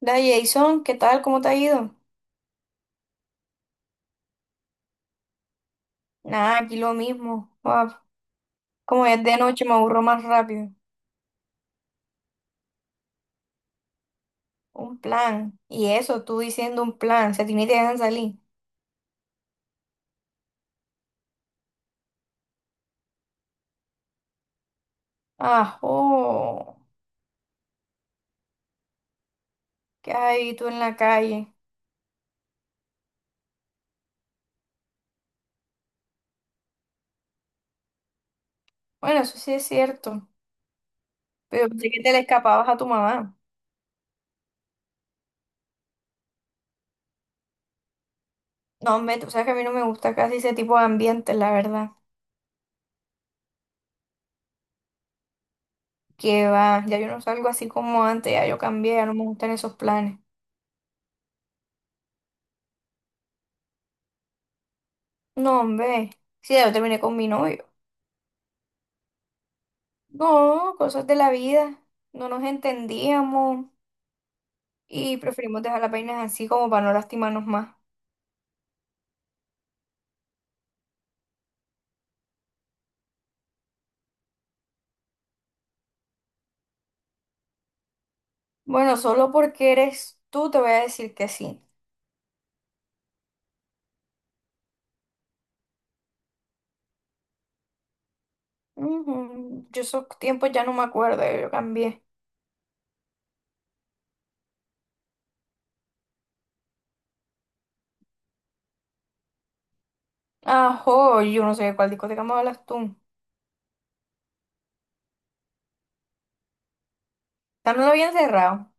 Da Jason, ¿qué tal? ¿Cómo te ha ido? Nada, aquí lo mismo. Como es de noche, me aburro más rápido. Un plan. Y eso, tú diciendo un plan. Se tiene y te dejan salir. Ah, oh, ¿qué hay tú en la calle? Bueno, eso sí es cierto. Pero pensé que te le escapabas a tu mamá. No, hombre, tú sabes que a mí no me gusta casi ese tipo de ambiente, la verdad. Que va, ya yo no salgo así como antes, ya yo cambié, ya no me gustan esos planes. No, hombre, sí, ya yo terminé con mi novio. No, cosas de la vida. No nos entendíamos y preferimos dejar las vainas así como para no lastimarnos más. Bueno, solo porque eres tú te voy a decir que sí. Ujú, yo esos tiempos ya no me acuerdo, yo cambié. Ajo, yo no sé de cuál discoteca me hablas tú. Ya no lo habían cerrado.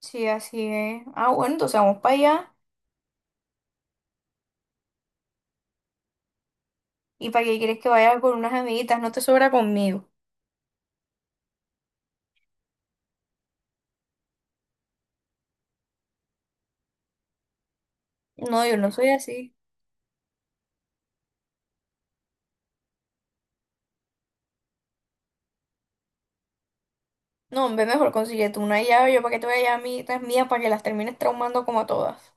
Sí, así es. Ah, bueno, entonces vamos para allá. ¿Y para qué quieres que vaya con unas amiguitas? No te sobra conmigo. No, yo no soy así. No, hombre, mejor consigue tú una llave. Yo para qué te voy a llevar amiguitas mías para que las termines traumando como a todas.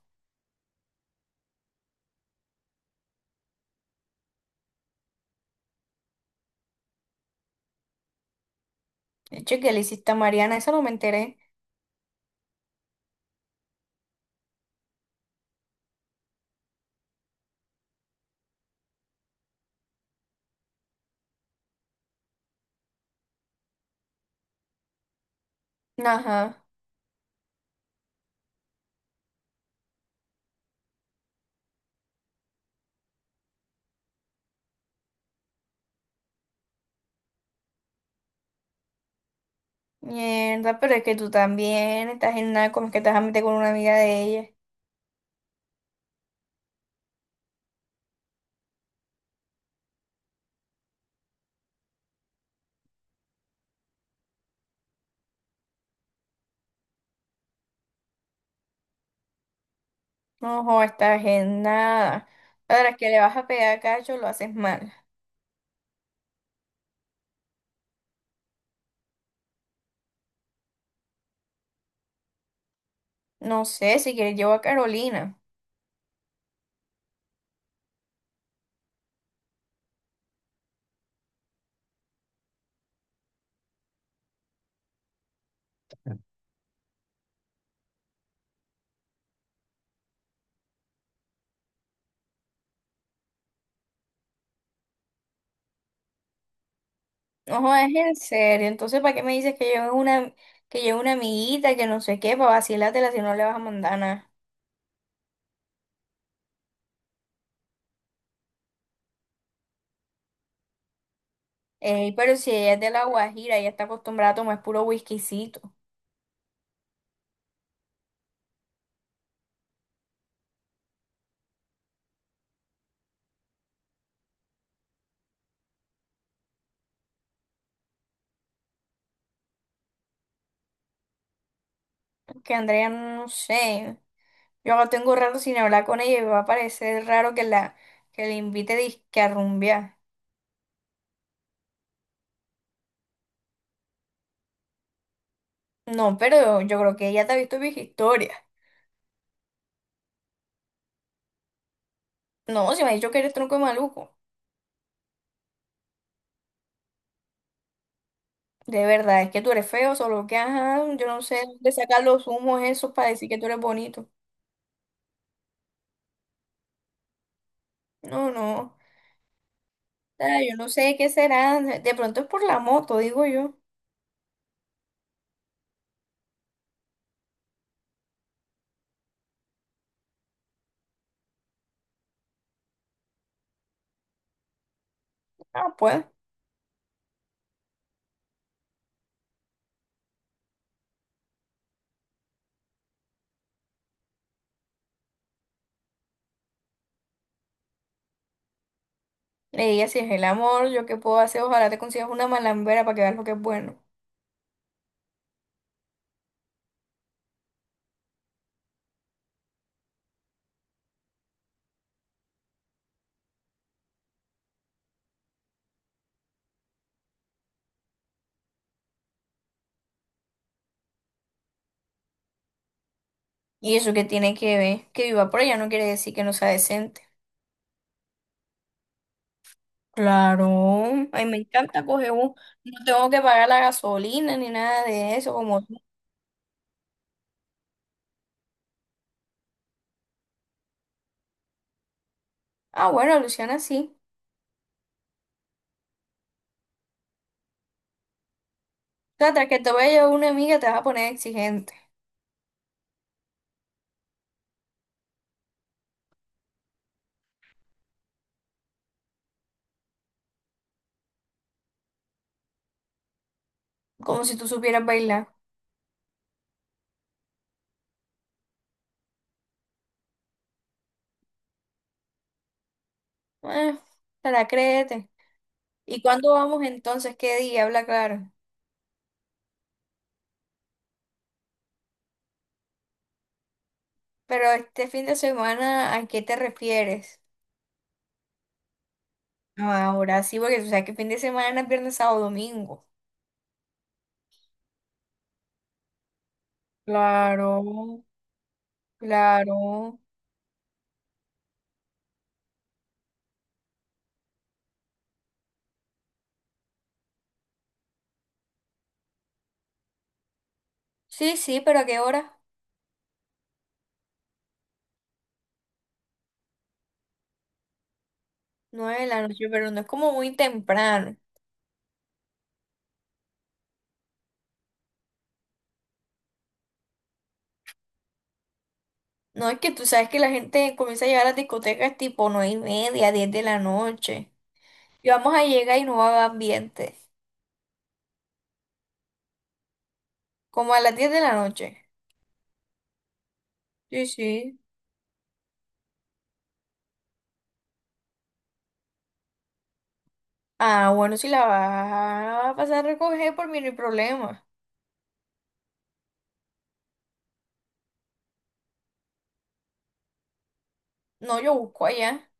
Che, ¿qué le hiciste a Mariana? Eso no me enteré. Ajá. Mierda, pero es que tú también estás en nada. Como es que te vas a meter con una amiga de ella? No, jo, estás en nada. Ahora es que le vas a pegar a Cacho, lo haces mal. No sé, si quieres llevo a Carolina. No, es en serio. Entonces, ¿para qué me dices que llevo una amiguita, que no sé qué, para vacilártela si no le vas a mandar nada? Ey, pero si ella es de La Guajira, ella está acostumbrada a tomar puro whiskycito. Que Andrea, no sé. Yo no tengo rato sin hablar con ella y me va a parecer raro que le invite disque a rumbear. No, pero yo creo que ella te ha visto mis historias. No, si me ha dicho que eres tronco de maluco. De verdad, es que tú eres feo, solo que ajá, yo no sé dónde sacar los humos esos para decir que tú eres bonito. No, no. Ah, yo no sé qué será. De pronto es por la moto, digo yo. Ah, pues. Ella, si es el amor, yo qué puedo hacer, ojalá te consigas una malambera para que veas lo que es bueno. Y eso que tiene que ver, que viva por ella no quiere decir que no sea decente. Claro, ay, me encanta coger bus. No tengo que pagar la gasolina ni nada de eso, como tú. Ah, bueno, Luciana, sí. Trata que te vaya una amiga, te vas a poner exigente, como si tú supieras bailar. Eh, Te la créete. ¿Y cuándo vamos entonces? ¿Qué día? Habla claro. Pero este fin de semana, ¿a qué te refieres? No, ahora sí, porque tú sabes que fin de semana es viernes, sábado, domingo. Claro, claro. Sí, sí, pero ¿a qué hora? Nueve de la noche, pero no es como muy temprano. No, es que tú sabes que la gente comienza a llegar a las discotecas tipo nueve y media, 10 de la noche. Y vamos a llegar y no va a haber ambiente. Como a las 10 de la noche. Sí, sí. Ah, bueno, si la vas a pasar a recoger, por mí no hay problema. No, yo busco allá.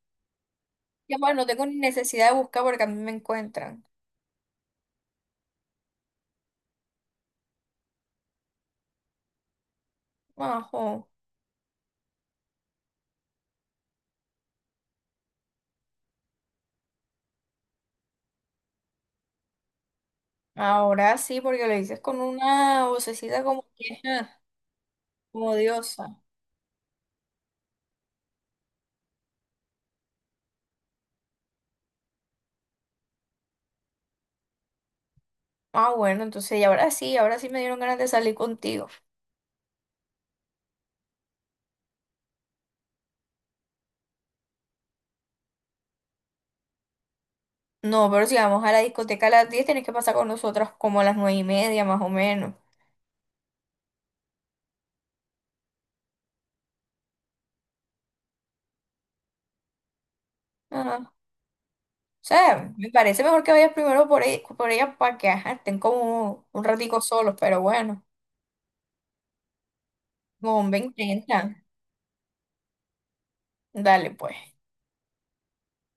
Y bueno, no tengo ni necesidad de buscar porque a mí me encuentran. Ajo. Ahora sí, porque lo dices con una vocecita como que, ah, como diosa. Ah, bueno, entonces, y ahora sí me dieron ganas de salir contigo. No, pero si vamos a la discoteca a las 10 tenés que pasar con nosotros como a las 9 y media, más o menos. Ah, o sea, me parece mejor que vayas primero por ella para que ajá, estén como un ratico solos, pero bueno, con 20, dale, pues.